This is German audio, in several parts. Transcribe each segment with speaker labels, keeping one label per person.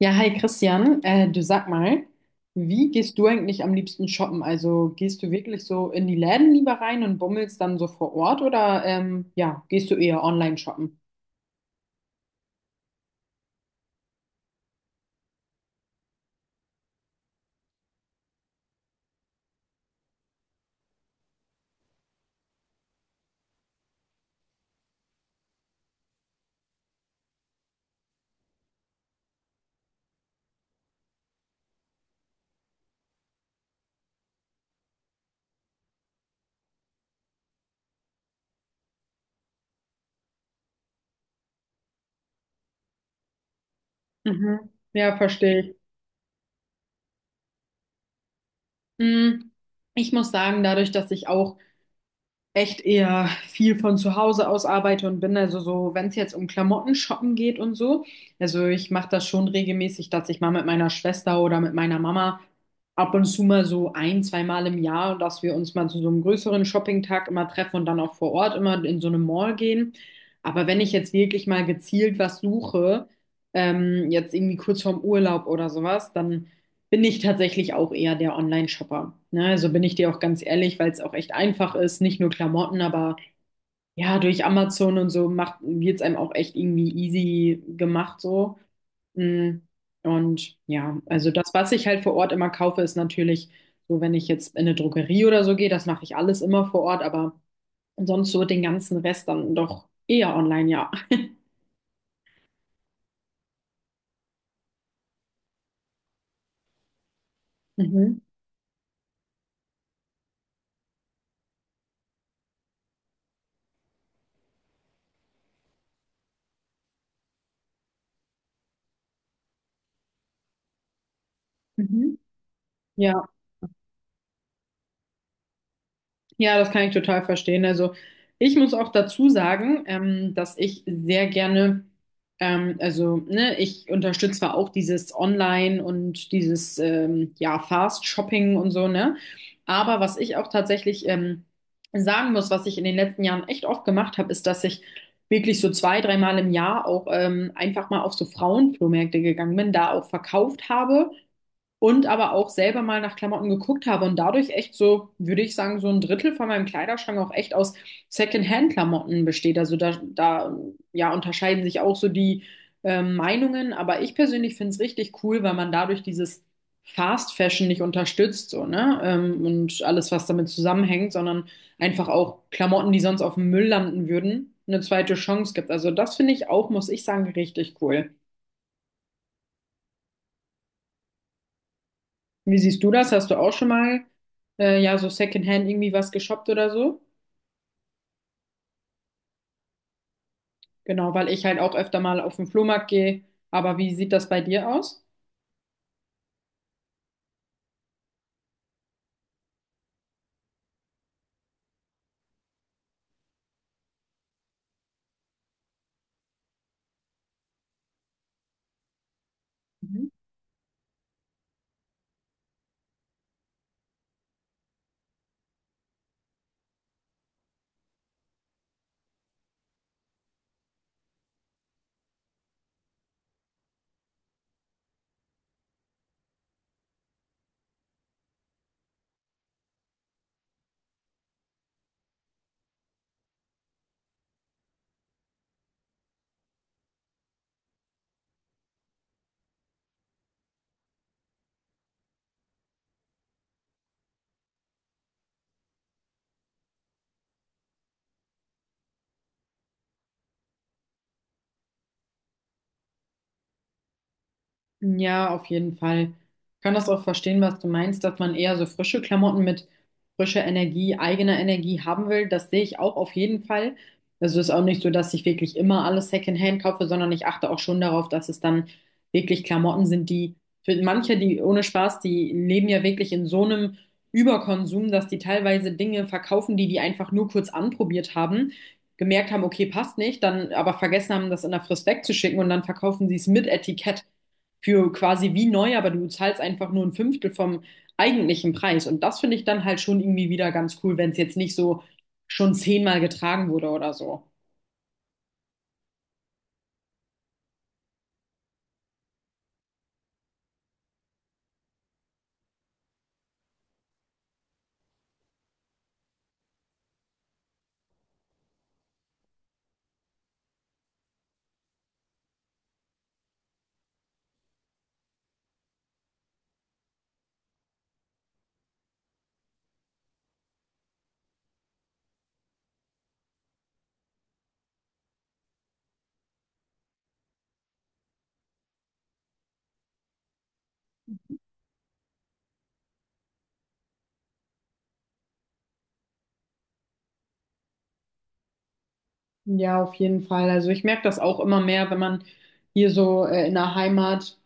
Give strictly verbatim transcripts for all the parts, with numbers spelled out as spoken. Speaker 1: Ja, hi Christian, äh, du sag mal, wie gehst du eigentlich am liebsten shoppen? Also gehst du wirklich so in die Läden lieber rein und bummelst dann so vor Ort oder ähm, ja, gehst du eher online shoppen? Mhm. Ja, verstehe ich. Mm, Ich muss sagen, dadurch, dass ich auch echt eher viel von zu Hause aus arbeite und bin also so, wenn es jetzt um Klamotten shoppen geht und so, also ich mache das schon regelmäßig, dass ich mal mit meiner Schwester oder mit meiner Mama ab und zu mal so ein, zweimal im Jahr, dass wir uns mal zu so einem größeren Shoppingtag immer treffen und dann auch vor Ort immer in so eine Mall gehen. Aber wenn ich jetzt wirklich mal gezielt was suche, ähm, jetzt irgendwie kurz vorm Urlaub oder sowas, dann bin ich tatsächlich auch eher der Online-Shopper. Ne? Also bin ich dir auch ganz ehrlich, weil es auch echt einfach ist, nicht nur Klamotten, aber ja, durch Amazon und so macht, wird es einem auch echt irgendwie easy gemacht so. Mm, Und ja, also das, was ich halt vor Ort immer kaufe, ist natürlich so, wenn ich jetzt in eine Drogerie oder so gehe, das mache ich alles immer vor Ort, aber sonst so den ganzen Rest dann doch eher online, ja. Mhm. Mhm. Ja. Ja, das kann ich total verstehen. Also ich muss auch dazu sagen, ähm, dass ich sehr gerne, ähm, also ne, ich unterstütze zwar auch dieses Online und dieses ähm, ja Fast Shopping und so, ne? Aber was ich auch tatsächlich ähm, sagen muss, was ich in den letzten Jahren echt oft gemacht habe, ist, dass ich wirklich so zwei, dreimal im Jahr auch ähm, einfach mal auf so Frauenflohmärkte gegangen bin, da auch verkauft habe und aber auch selber mal nach Klamotten geguckt habe und dadurch echt so, würde ich sagen, so ein Drittel von meinem Kleiderschrank auch echt aus Secondhand-Klamotten besteht. Also da, da ja, unterscheiden sich auch so die ähm, Meinungen, aber ich persönlich finde es richtig cool, weil man dadurch dieses Fast Fashion nicht unterstützt, so, ne? Ähm, und alles, was damit zusammenhängt, sondern einfach auch Klamotten, die sonst auf dem Müll landen würden, eine zweite Chance gibt. Also das finde ich auch, muss ich sagen, richtig cool. Wie siehst du das? Hast du auch schon mal äh, ja so Secondhand irgendwie was geshoppt oder so? Genau, weil ich halt auch öfter mal auf den Flohmarkt gehe. Aber wie sieht das bei dir aus? Ja, auf jeden Fall. Ich kann das auch verstehen, was du meinst, dass man eher so frische Klamotten mit frischer Energie, eigener Energie haben will. Das sehe ich auch auf jeden Fall. Also ist auch nicht so, dass ich wirklich immer alles Secondhand kaufe, sondern ich achte auch schon darauf, dass es dann wirklich Klamotten sind, die für manche, die ohne Spaß, die leben ja wirklich in so einem Überkonsum, dass die teilweise Dinge verkaufen, die die einfach nur kurz anprobiert haben, gemerkt haben, okay, passt nicht, dann aber vergessen haben, das in der Frist wegzuschicken und dann verkaufen sie es mit Etikett für quasi wie neu, aber du zahlst einfach nur ein Fünftel vom eigentlichen Preis. Und das finde ich dann halt schon irgendwie wieder ganz cool, wenn es jetzt nicht so schon zehnmal getragen wurde oder so. Ja, auf jeden Fall. Also ich merke das auch immer mehr, wenn man hier so äh, in der Heimat,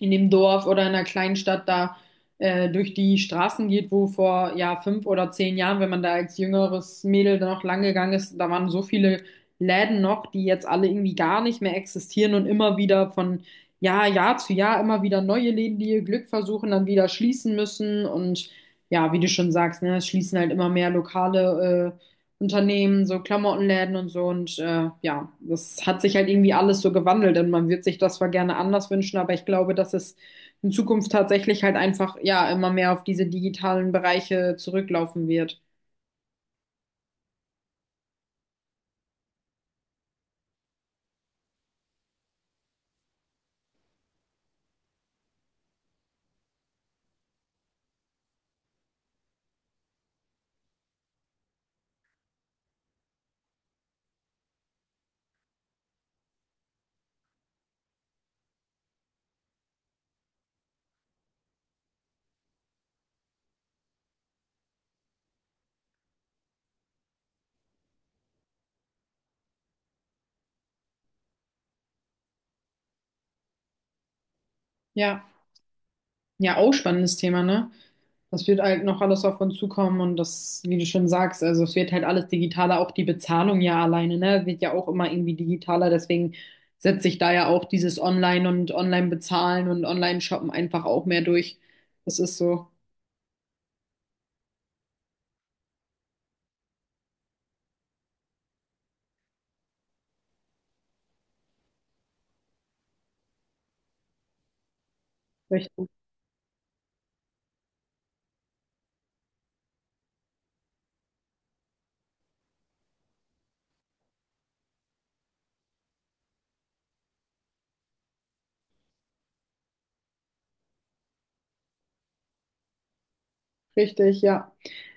Speaker 1: in dem Dorf oder in der kleinen Stadt da äh, durch die Straßen geht, wo vor ja fünf oder zehn Jahren, wenn man da als jüngeres Mädel da noch lang gegangen ist, da waren so viele Läden noch, die jetzt alle irgendwie gar nicht mehr existieren und immer wieder von Jahr, Jahr zu Jahr immer wieder neue Läden, die ihr Glück versuchen, dann wieder schließen müssen und ja, wie du schon sagst, ne, es schließen halt immer mehr Lokale äh, Unternehmen, so Klamottenläden und so. Und äh, ja, das hat sich halt irgendwie alles so gewandelt und man wird sich das zwar gerne anders wünschen, aber ich glaube, dass es in Zukunft tatsächlich halt einfach ja immer mehr auf diese digitalen Bereiche zurücklaufen wird. Ja, ja, auch spannendes Thema, ne? Das wird halt noch alles auf uns zukommen und das, wie du schon sagst, also es wird halt alles digitaler, auch die Bezahlung ja alleine, ne, wird ja auch immer irgendwie digitaler, deswegen setze ich da ja auch dieses Online und Online-Bezahlen und Online-Shoppen einfach auch mehr durch. Das ist so richtig, richtig, ja.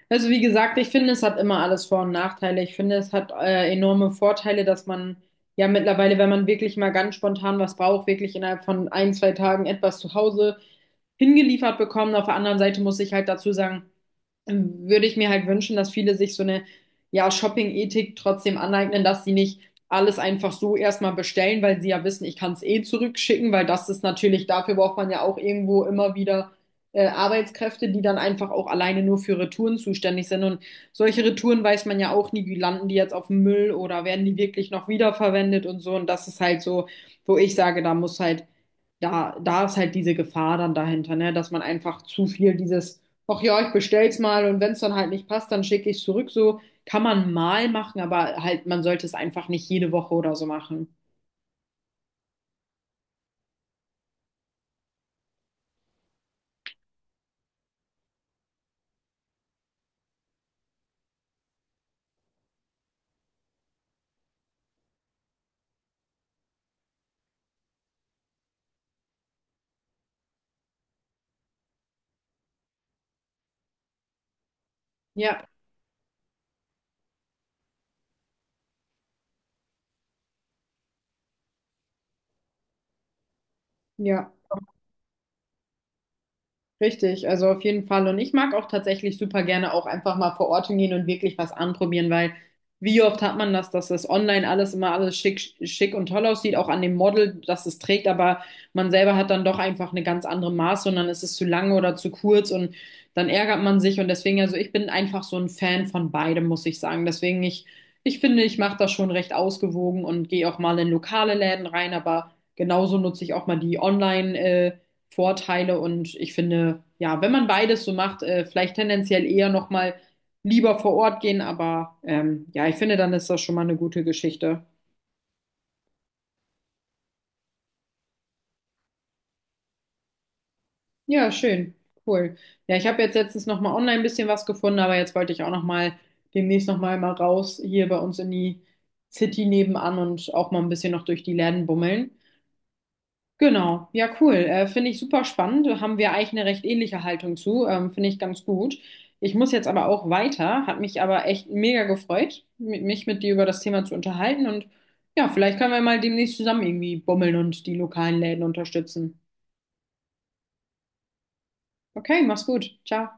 Speaker 1: Also wie gesagt, ich finde, es hat immer alles Vor- und Nachteile. Ich finde, es hat äh, enorme Vorteile, dass man ja mittlerweile, wenn man wirklich mal ganz spontan was braucht, wirklich innerhalb von ein, zwei Tagen etwas zu Hause hingeliefert bekommt. Auf der anderen Seite muss ich halt dazu sagen, würde ich mir halt wünschen, dass viele sich so eine, ja, Shopping-Ethik trotzdem aneignen, dass sie nicht alles einfach so erstmal bestellen, weil sie ja wissen, ich kann es eh zurückschicken, weil das ist natürlich, dafür braucht man ja auch irgendwo immer wieder äh, Arbeitskräfte, die dann einfach auch alleine nur für Retouren zuständig sind. Und solche Retouren weiß man ja auch nie, wie landen die jetzt auf dem Müll oder werden die wirklich noch wiederverwendet und so. Und das ist halt so, wo ich sage, da muss halt da, da ist halt diese Gefahr dann dahinter, ne? Dass man einfach zu viel dieses, ach ja, ich bestell's mal und wenn es dann halt nicht passt, dann schicke ich es zurück. So kann man mal machen, aber halt, man sollte es einfach nicht jede Woche oder so machen. Ja, ja. Richtig, also auf jeden Fall. Und ich mag auch tatsächlich super gerne auch einfach mal vor Ort hingehen und wirklich was anprobieren, weil wie oft hat man das, dass das online alles immer alles schick, schick und toll aussieht, auch an dem Model, dass es trägt, aber man selber hat dann doch einfach eine ganz andere Maße und dann ist es zu lang oder zu kurz und dann ärgert man sich und deswegen, also ich bin einfach so ein Fan von beidem, muss ich sagen. Deswegen, ich, ich finde, ich mache das schon recht ausgewogen und gehe auch mal in lokale Läden rein, aber genauso nutze ich auch mal die Online, äh, Vorteile und ich finde, ja, wenn man beides so macht, äh, vielleicht tendenziell eher nochmal lieber vor Ort gehen, aber ähm, ja, ich finde, dann ist das schon mal eine gute Geschichte. Ja, schön, cool. Ja, ich habe jetzt letztens nochmal online ein bisschen was gefunden, aber jetzt wollte ich auch nochmal demnächst nochmal mal mal raus hier bei uns in die City nebenan und auch mal ein bisschen noch durch die Läden bummeln. Genau, ja, cool. Äh, finde ich super spannend. Da haben wir eigentlich eine recht ähnliche Haltung zu. Ähm, finde ich ganz gut. Ich muss jetzt aber auch weiter. Hat mich aber echt mega gefreut, mit, mich mit dir über das Thema zu unterhalten. Und ja, vielleicht können wir mal demnächst zusammen irgendwie bummeln und die lokalen Läden unterstützen. Okay, mach's gut. Ciao.